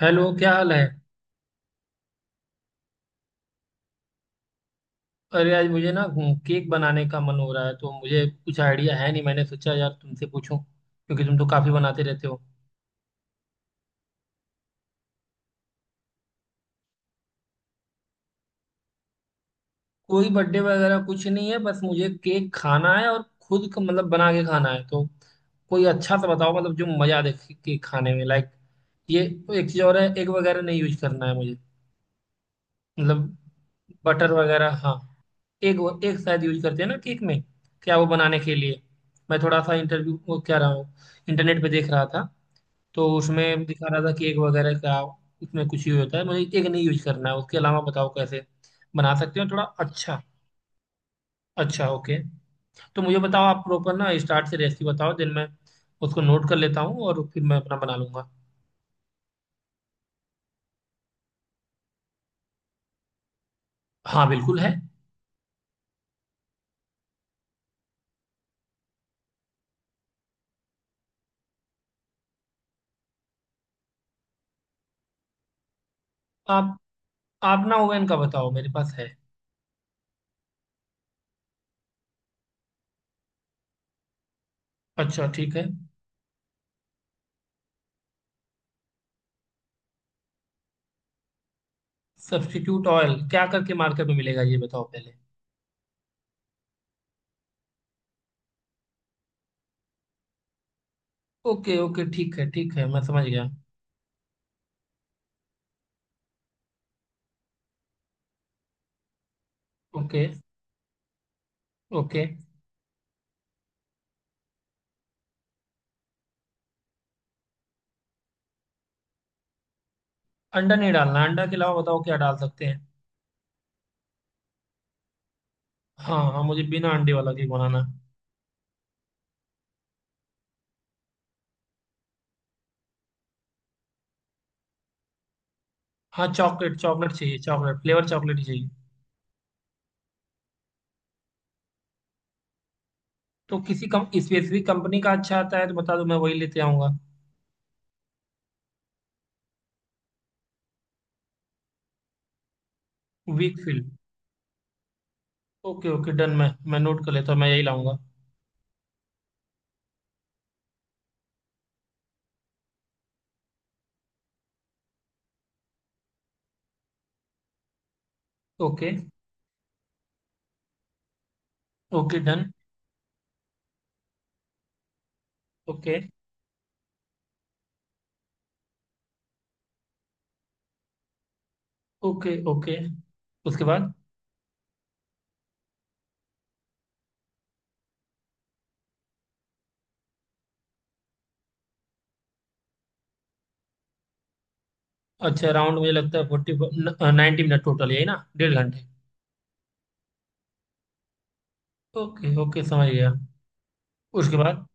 Hello, क्या हाल है। अरे, आज मुझे ना केक बनाने का मन हो रहा है, तो मुझे कुछ आइडिया है नहीं, मैंने सोचा यार तुमसे पूछूं क्योंकि तुम तो काफी बनाते रहते हो। कोई बर्थडे वगैरह कुछ नहीं है, बस मुझे केक खाना है और खुद का मतलब बना के खाना है, तो कोई अच्छा सा बताओ, मतलब जो मजा दे केक खाने में, लाइक, ये एक चीज और है, एग वगैरह नहीं यूज करना है मुझे। मतलब बटर वगैरह, हाँ। एग एग शायद यूज करते हैं ना केक में, क्या वो बनाने के लिए। मैं थोड़ा सा इंटरव्यू वो क्या रहा हूँ, इंटरनेट पे देख रहा था, तो उसमें दिखा रहा था केक वगैरह का, उसमें कुछ यूज होता है, मुझे केक नहीं यूज करना है, उसके अलावा बताओ कैसे बना सकते हो थोड़ा अच्छा। अच्छा, ओके। तो मुझे बताओ, आप प्रॉपर ना स्टार्ट से रेसिपी बताओ, दिन मैं उसको नोट कर लेता हूँ और फिर मैं अपना बना लूंगा। हाँ, बिल्कुल है। आप आप ना ओवन का बताओ, मेरे पास है। अच्छा, ठीक है। सब्स्टिट्यूट ऑयल क्या करके मार्केट में मिलेगा, ये बताओ पहले। ओके, ओके, ठीक है, ठीक है, मैं समझ गया। Okay, okay. अंडा नहीं डालना, अंडा के अलावा बताओ क्या डाल सकते हैं। हाँ, हाँ, मुझे बिना अंडे वाला केक बनाना है। हाँ, चॉकलेट, चॉकलेट चाहिए, चॉकलेट फ्लेवर, चॉकलेट ही चाहिए। तो किसी कम स्पेसिफिक कंपनी का अच्छा आता है तो बता दो, मैं वही लेते आऊँगा। वीकफील्ड। Okay, okay, done. मैं नोट कर लेता हूँ, मैं यही लाऊंगा। Okay, okay, done. Okay, okay, okay. उसके बाद अच्छा, राउंड मुझे लगता है 40, 90 मिनट टोटल, यही ना, 1.5 घंटे। ओके, ओके, समझ गया। उसके बाद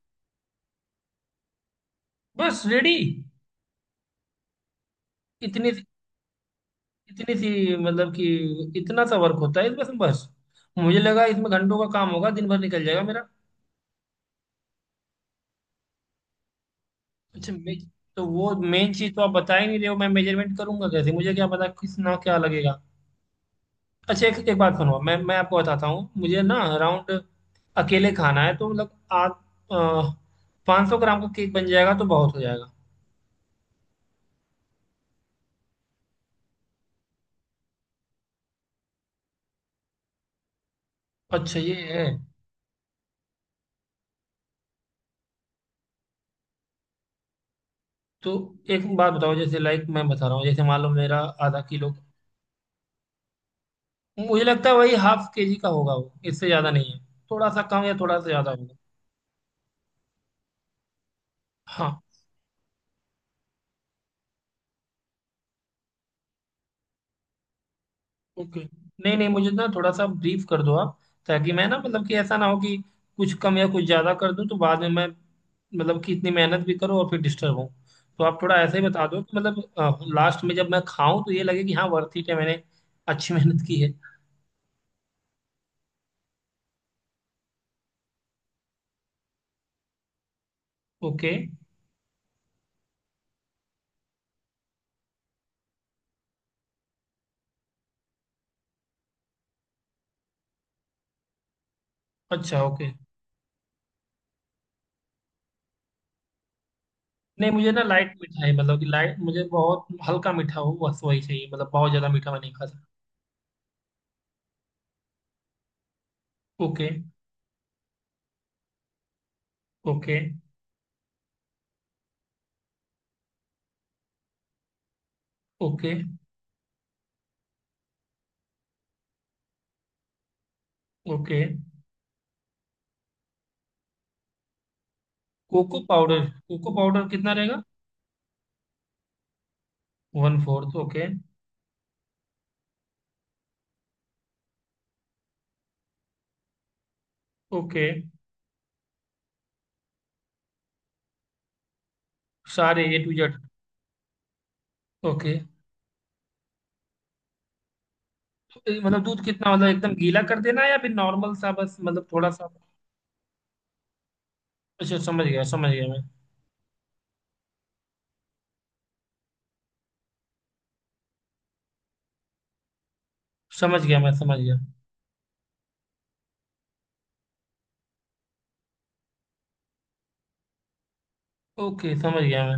बस रेडी। इतनी, इतनी सी, मतलब कि इतना सा वर्क होता है इसमें बस। मुझे लगा इसमें घंटों का काम होगा, दिन भर निकल जाएगा मेरा। अच्छा, मे तो वो मेन चीज तो आप बता ही नहीं रहे हो, मैं मेजरमेंट करूंगा कैसे, मुझे क्या पता किस ना क्या लगेगा। अच्छा, एक एक बात सुनो, मैं आपको बताता हूँ। मुझे ना अराउंड अकेले खाना है, तो मतलब आप, 500 ग्राम का केक बन जाएगा तो बहुत हो जाएगा। अच्छा, ये है। तो एक बात बताओ, जैसे लाइक मैं बता रहा हूँ, जैसे मान लो मेरा आधा किलो, मुझे लगता है वही हाफ के जी का होगा, वो इससे ज्यादा नहीं है, थोड़ा सा कम या थोड़ा सा ज्यादा होगा। हाँ, ओके। नहीं, नहीं, मुझे ना थोड़ा सा ब्रीफ कर दो आप, ताकि मैं ना, मतलब कि ऐसा ना हो कि कुछ कम या कुछ ज्यादा कर दूं, तो बाद में मैं, मतलब कि इतनी मेहनत भी करूं और फिर डिस्टर्ब हूं। तो आप थोड़ा ऐसे ही बता दो कि मतलब लास्ट में जब मैं खाऊं तो ये लगे कि हाँ, वर्थ इट है, मैंने अच्छी मेहनत की है। ओके। अच्छा, ओके। नहीं, मुझे ना लाइट मीठा है, मतलब कि लाइट, मुझे बहुत हल्का मीठा हो बस, वही चाहिए, मतलब बहुत ज्यादा मीठा मैं नहीं खा सकता। Okay, okay, okay, okay. Cocoa powder, cocoa powder कितना रहेगा। One fourth, okay. ओके, सारे ए टू जेड। ओके, तो मतलब दूध कितना, मतलब एकदम गीला कर देना है या फिर नॉर्मल सा बस, मतलब थोड़ा सा। अच्छा, समझ गया, समझ गया मैं। समझ गया, मैं समझ गया। ओके, समझ गया मैं।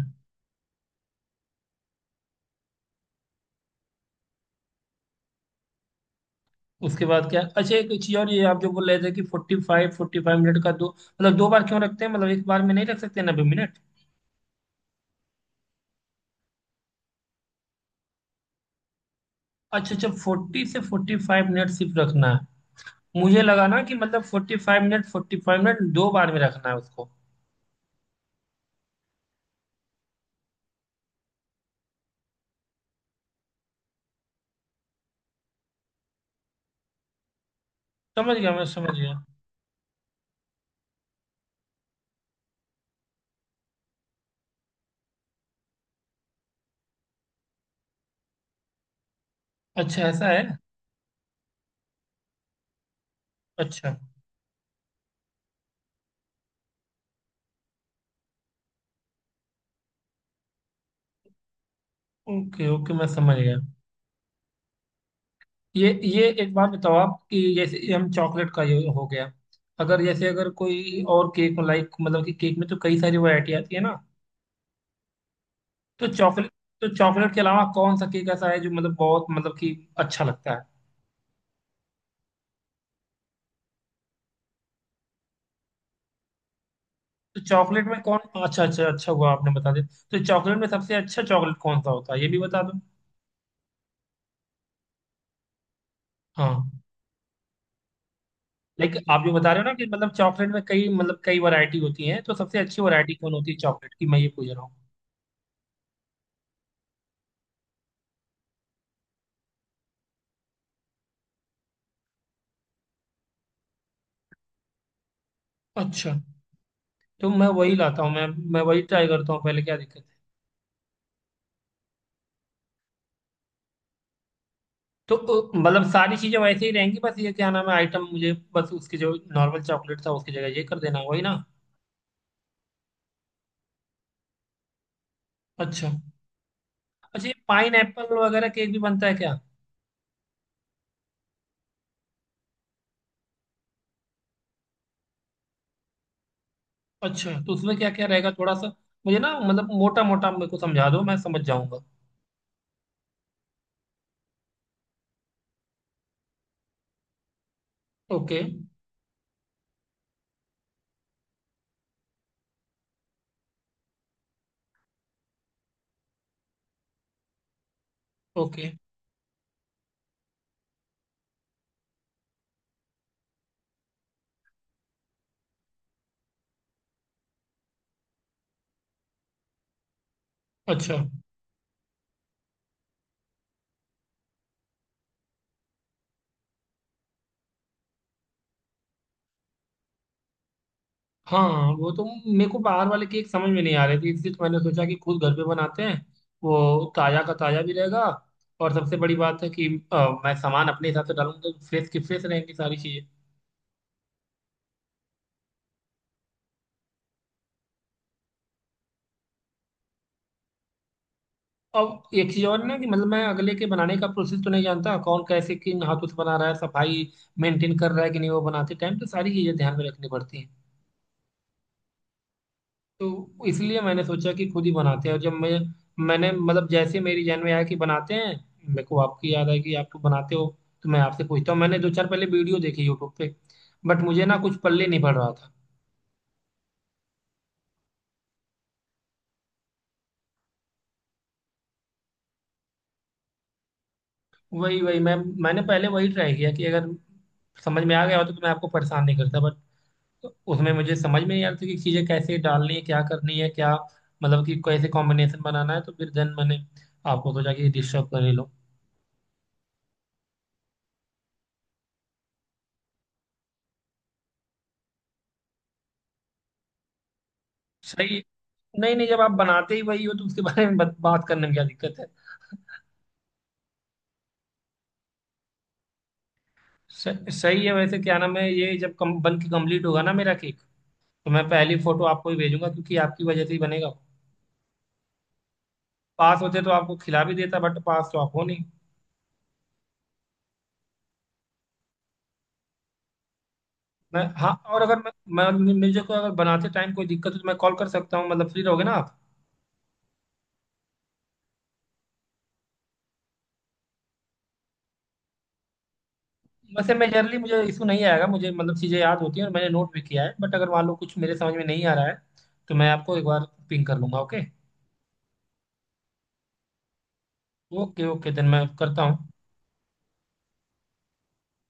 उसके बाद क्या? अच्छा, एक चीज और, ये आप जो बोल रहे थे कि 45, 45 मिनट का दो, मतलब दो बार क्यों रखते हैं, मतलब एक बार में नहीं रख सकते 90 मिनट। अच्छा, अच्छा, 40 से 45 मिनट सिर्फ रखना है। मुझे लगा ना कि मतलब 45 मिनट, 45 मिनट दो बार में रखना है उसको। समझ गया, मैं समझ गया। अच्छा, ऐसा है। अच्छा। ओके, ओके, मैं समझ गया। ये एक बात बताओ आप, कि जैसे ये हम, चॉकलेट का ये हो गया, अगर कोई और केक, लाइक, मतलब कि केक में तो कई सारी वैरायटी आती है ना, तो चॉकलेट, तो चॉकलेट के अलावा कौन सा केक ऐसा है जो मतलब बहुत, मतलब कि अच्छा लगता है। तो चॉकलेट में कौन, अच्छा, अच्छा, अच्छा हुआ आपने बता दिया। तो चॉकलेट में सबसे अच्छा चॉकलेट कौन सा होता है, ये भी बता दो। हाँ, लाइक आप जो बता रहे हो ना कि मतलब चॉकलेट में कई, मतलब कई वैरायटी होती है, तो सबसे अच्छी वैरायटी कौन होती है चॉकलेट की, मैं ये पूछ रहा हूँ। अच्छा, तो मैं वही लाता हूँ, मैं वही ट्राई करता हूँ पहले, क्या दिक्कत है। तो मतलब सारी चीजें वैसे ही रहेंगी, बस ये क्या नाम है आइटम, मुझे बस उसके जो नॉर्मल चॉकलेट था उसकी जगह ये कर देना, वही ना। अच्छा। अच्छा, ये पाइन एप्पल वगैरह केक भी बनता है क्या? अच्छा, तो उसमें क्या क्या रहेगा थोड़ा सा, मुझे ना मतलब मोटा मोटा मेरे को समझा दो, मैं समझ जाऊंगा। ओके, ओके, अच्छा। हाँ, वो तो, मेरे को बाहर वाले केक समझ में नहीं आ रहे थे, इसलिए तो मैंने सोचा कि खुद घर पे बनाते हैं। वो ताजा का ताजा भी रहेगा, और सबसे बड़ी बात है कि अ, मैं सामान अपने हिसाब से डालूंगा तो फ्रेश की फ्रेश रहेंगी सारी चीजें। अब एक चीज और ना, कि मतलब मैं अगले के बनाने का प्रोसेस तो नहीं जानता, कौन कैसे किन हाथों से बना रहा है, सफाई मेंटेन कर रहा है कि नहीं, वो बनाते टाइम तो सारी चीजें ध्यान में रखनी पड़ती हैं। तो इसलिए मैंने सोचा कि खुद ही बनाते हैं, और जब मैंने मतलब जैसे मेरी जहन में आया कि बनाते हैं, मेरे को आपकी याद आई कि आप तो बनाते हो, तो मैं आपसे पूछता हूँ। मैंने दो चार पहले वीडियो देखी यूट्यूब पे, बट मुझे ना कुछ पल्ले नहीं पड़ रहा था। वही वही, मैंने पहले वही ट्राई किया कि अगर समझ में आ गया हो तो मैं आपको परेशान नहीं करता, बट उसमें मुझे समझ में नहीं आ रही थी कि चीज़ें कैसे डालनी है, क्या करनी है, क्या, मतलब कि कैसे कॉम्बिनेशन बनाना है, तो फिर देन मैंने आपको सोचा कि डिस्टर्ब कर ही लो। सही। नहीं, नहीं, जब आप बनाते ही वही हो तो उसके बारे में बात करने में क्या दिक्कत है। सही है। वैसे क्या नाम है, ये जब बन के कंप्लीट होगा ना मेरा केक, तो मैं पहली फोटो आपको ही भेजूंगा, क्योंकि आपकी वजह से ही बनेगा। पास होते तो आपको खिला भी देता, बट पास तो आप हो नहीं। मैं, हाँ, और अगर मैं, मैं मुझे को अगर बनाते टाइम कोई दिक्कत हो तो मैं कॉल कर सकता हूँ, मतलब फ्री रहोगे ना आप? वैसे मेजरली मुझे इशू नहीं आएगा मुझे, मतलब चीज़ें याद होती हैं और मैंने नोट भी किया है, बट अगर मान लो कुछ मेरे समझ में नहीं आ रहा है, तो मैं आपको एक बार पिंग कर लूंगा, ओके। ओके, ओके, देन मैं करता हूँ।